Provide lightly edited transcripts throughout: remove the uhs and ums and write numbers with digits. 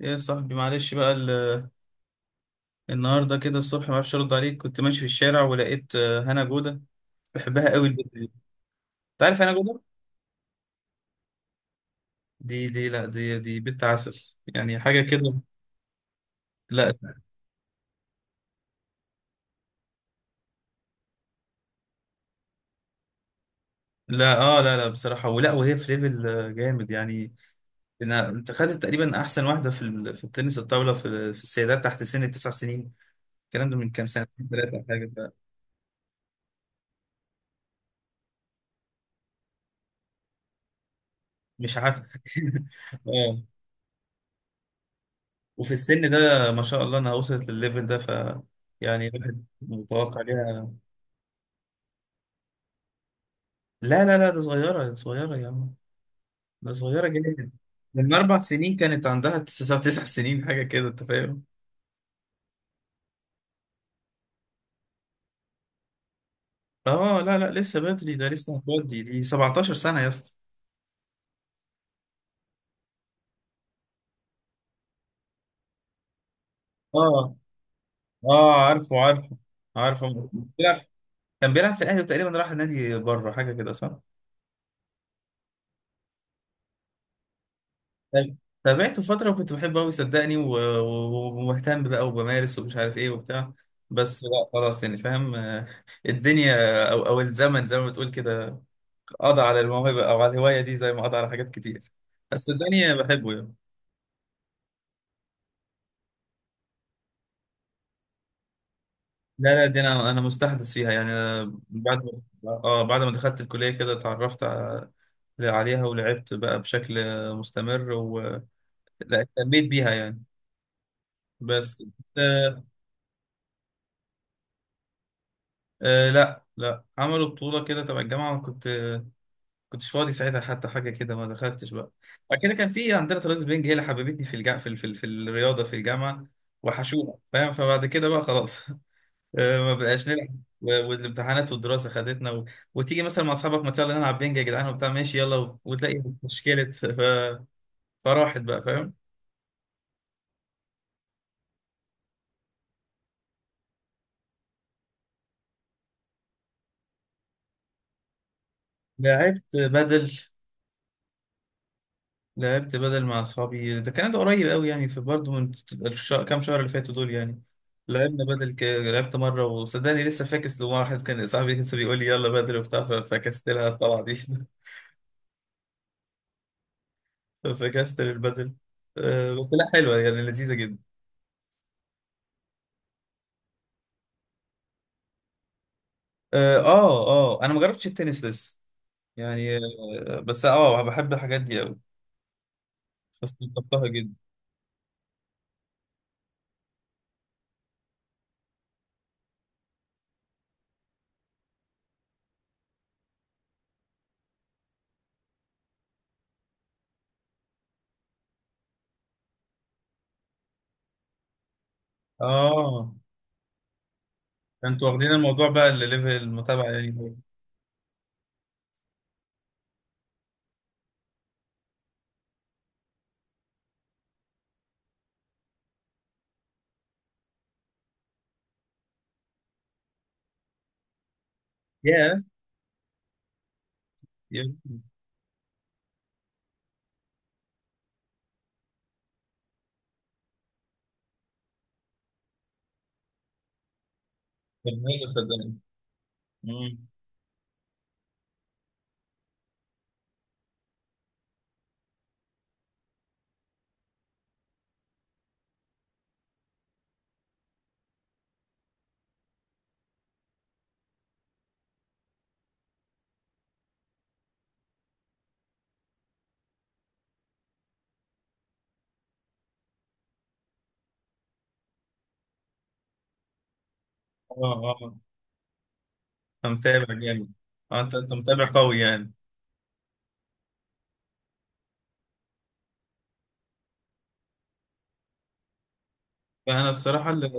ايه يا صاحبي، معلش بقى. النهارده كده الصبح ما اعرفش ارد عليك. كنت ماشي في الشارع ولقيت هنا جوده. بحبها قوي البت دي. انت عارف هنا جوده. دي لا، دي بنت عسل يعني حاجه كده. لا، لا، اه، لا، لا، بصراحه ولا وهي في ليفل جامد يعني. انت خدت تقريبا احسن واحده في التنس الطاوله في السيدات تحت سن التسع سنين. الكلام ده من كام سنه، ثلاثه حاجه. مش عارف اه. وفي السن ده ما شاء الله انها وصلت للليفل ده، يعني الواحد متوقع ليها. لا، لا، لا، ده صغيرة صغيرة يا عم. ده صغيرة جدا. من 4 سنين كانت عندها 9 سنين حاجة كده، أنت فاهم؟ آه، لا، لا، لسه بدري. ده لسه هتودي دي 17 سنة يا اسطى. آه، آه، عارفه، عارفه، عارفه. بيلعب كان بيلعب في الأهلي وتقريبا راح نادي بره حاجة كده، صح؟ طب- تابعته فترة وكنت بحبه أوي صدقني، ومهتم بقى وبمارس ومش عارف إيه وبتاع. بس لا خلاص يعني فاهم. الدنيا أو الزمن زي ما بتقول كده. قضى على الموهبة أو على الهواية دي زي ما قضى على حاجات كتير. بس الدنيا بحبه يعني. لا، لا، دي أنا مستحدث فيها يعني أنا. بعد ما بعد ما دخلت الكلية كده اتعرفت عليها، ولعبت بقى بشكل مستمر ولا اهتميت بيها يعني، بس. آه، آه، لا، لا، عملوا بطولة كده تبع الجامعة، وأنا كنتش فاضي ساعتها، حتى حاجة كده ما دخلتش بقى. بعد كده كان في عندنا ترابيزة بينج، هي اللي حببتني في الجا في ال- في ال- في الرياضة في الجامعة. وحشونا فاهم. فبعد كده بقى خلاص ما بقاش نلعب، والامتحانات والدراسه خدتنا وتيجي مثلا مع اصحابك، ما يلا نلعب بينج يا جدعان وبتاع. ماشي يلا وتلاقي مشكله فراحت بقى، فاهم. لعبت بدل لعبت بدل مع اصحابي، ده قريب قوي يعني، في برضه من كام شهر اللي فاتوا دول يعني. لعبنا بدل لعبت مره، وصدقني لسه فاكس لواحد كان صاحبي لسه بيقول لي يلا بدل وبتاع. فكست لها الطلعه دي فكست البدل. بس لا حلوه يعني، لذيذه جدا. اه، اه، انا ما جربتش التنس لسه يعني. بس اه بحب الحاجات دي قوي. فاستلطفتها جدا. اه، انتوا واخدين الموضوع بقى لليفل المتابعة يعني. يا يا فنانة صدقني. مم. اه، اه، انت متابع جامد. اه، انت متابع قوي يعني. فانا بصراحة اللي...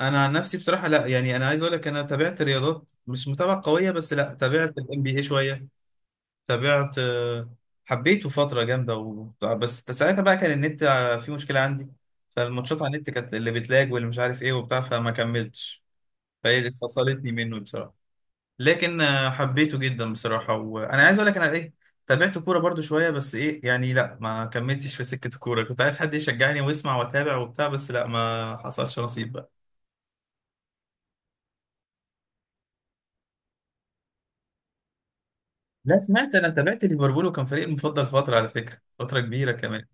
انا عن نفسي بصراحة، لا يعني انا عايز اقول لك انا تابعت رياضات مش متابعة قوية، بس لا تابعت الام بي اي شوية. تابعت، حبيته فترة جامدة بس ساعتها بقى كان النت فيه مشكلة عندي. فالماتشات على النت كانت اللي بتلاج، واللي مش عارف ايه وبتاع، فما كملتش. فهي دي فصلتني منه بصراحة. لكن حبيته جدا بصراحة. وانا عايز اقول لك انا ايه، تابعت كورة برضو شوية، بس ايه يعني. لا، ما كملتش في سكة الكورة. كنت عايز حد يشجعني ويسمع واتابع وبتاع، بس لا ما حصلش نصيب بقى. لا، سمعت. انا تابعت ليفربول، وكان فريق المفضل فترة على فكرة، فترة كبيرة كمان.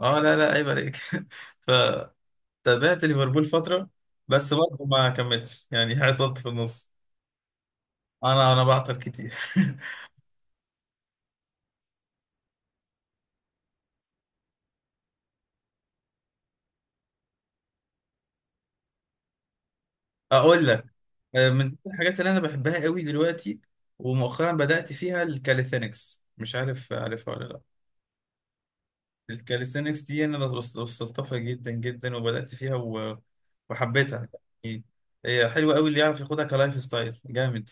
اه، لا، لا، عيب عليك ف تابعت ليفربول فترة، بس برضه ما كملتش يعني، حطيت في النص. انا بعطل كتير اقول لك، من الحاجات اللي انا بحبها قوي دلوقتي ومؤخرا بدأت فيها الكاليثينكس. مش عارف عارفها ولا لا؟ الكاليثينكس دي انا وصلت لها جدا جدا، وبدأت فيها وحبيتها يعني. هي حلوة قوي، اللي يعرف ياخدها كلايف ستايل جامد.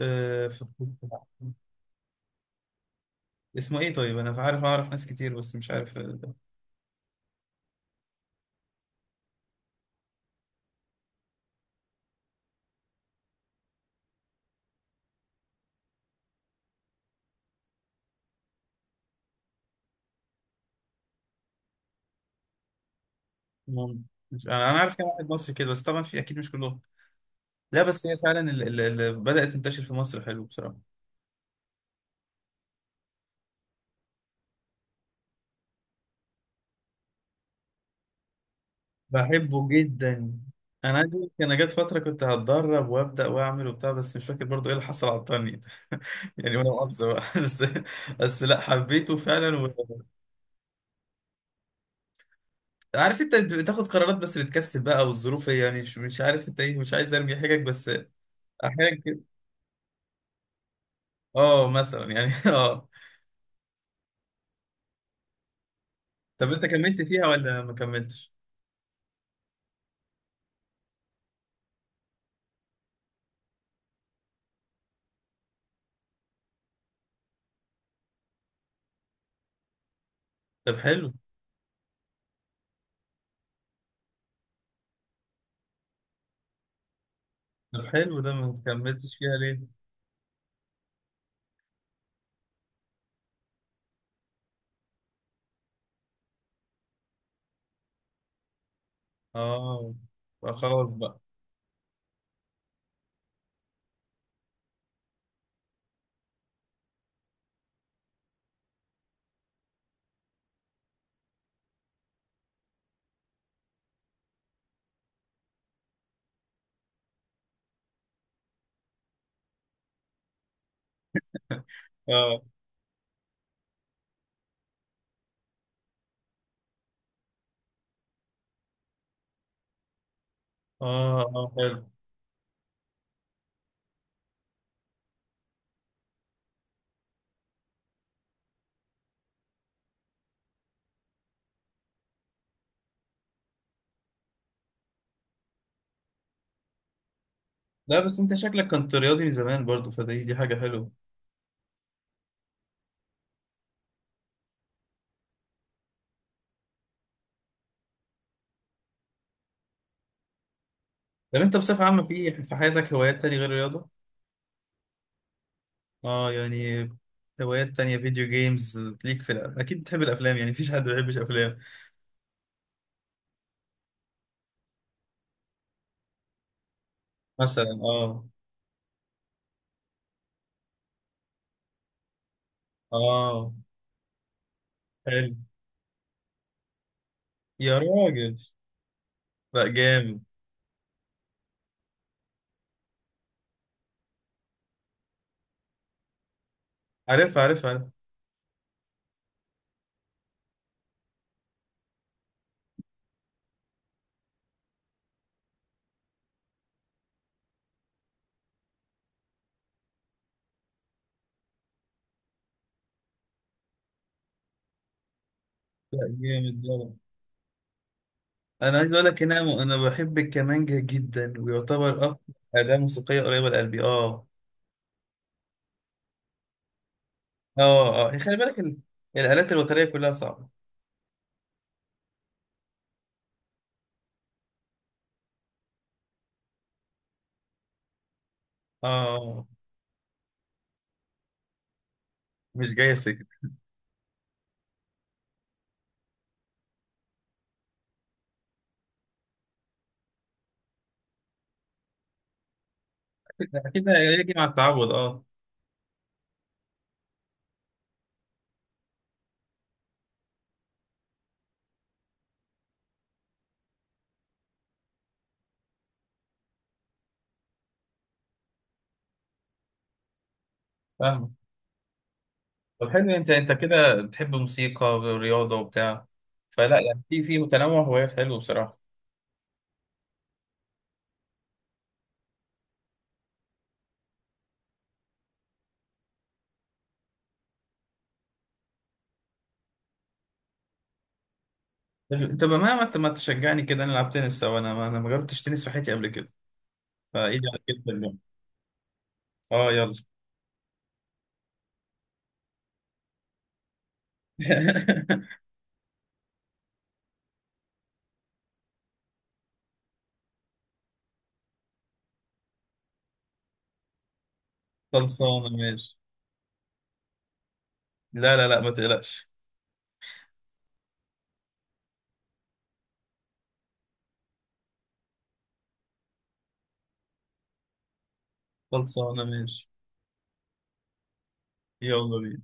آه، ف- اسمه ايه طيب؟ انا عارف، اعرف ناس كتير بس مش عارف. مم. انا عارف كام واحد مصري كده، بس طبعا في اكيد مش كلهم. لا، بس هي فعلا اللي بدأت تنتشر في مصر، حلو بصراحة. بحبه جدا. انا عايز اقول لك انا جت فتره كنت هتدرب وابدا واعمل وبتاع بس مش فاكر برضو ايه اللي حصل عطلني يعني وانا مؤاخذه بقى بس بس لا حبيته فعلا و... عارف انت بتاخد قرارات بس بتكسل بقى والظروف هي يعني مش مش عارف انت ايه مش عايز ارمي حاجك بس احيانا كده اه مثلا يعني اه طب انت كملت فيها ولا ما كملتش طب حلو طب حلو ده ما كملتش فيها ليه اه خلاص بقى اه اه اه حلو لا بس انت شكلك كنت رياضي من زمان برضو فدي دي حاجة حلوة طب انت بصفة عامة في في حياتك هوايات تانية غير الرياضة؟ اه يعني هوايات تانية فيديو جيمز ليك في الأ... اكيد بتحب الافلام يعني مفيش حد ما بيحبش افلام مثلا اه اه حلو يا راجل لا جامد عارف عارف عارف لا جامد ده انا عايز اقول لك ان انا بحب الكمانجا جدا، ويعتبر اكتر اداة موسيقية قريبة لقلبي. اه، اه، اه، خلي بالك الآلات الوترية كلها صعبة. اه، مش جاي سكة. اكيد هيجي مع التعود، اه، فاهم. طب حلو، انت كده بتحب موسيقى ورياضة وبتاع. فلا يعني، في تنوع هوايات حلو بصراحة. طب ما تشجعني كده نلعب تنس سوا؟ انا ما جربتش تنس في حياتي قبل كده. فايدي على كده اليوم. اه، يلا خلصانة ماشي. لا، لا، لا، ما تقلقش. خلصانة ماشي. يلا بينا.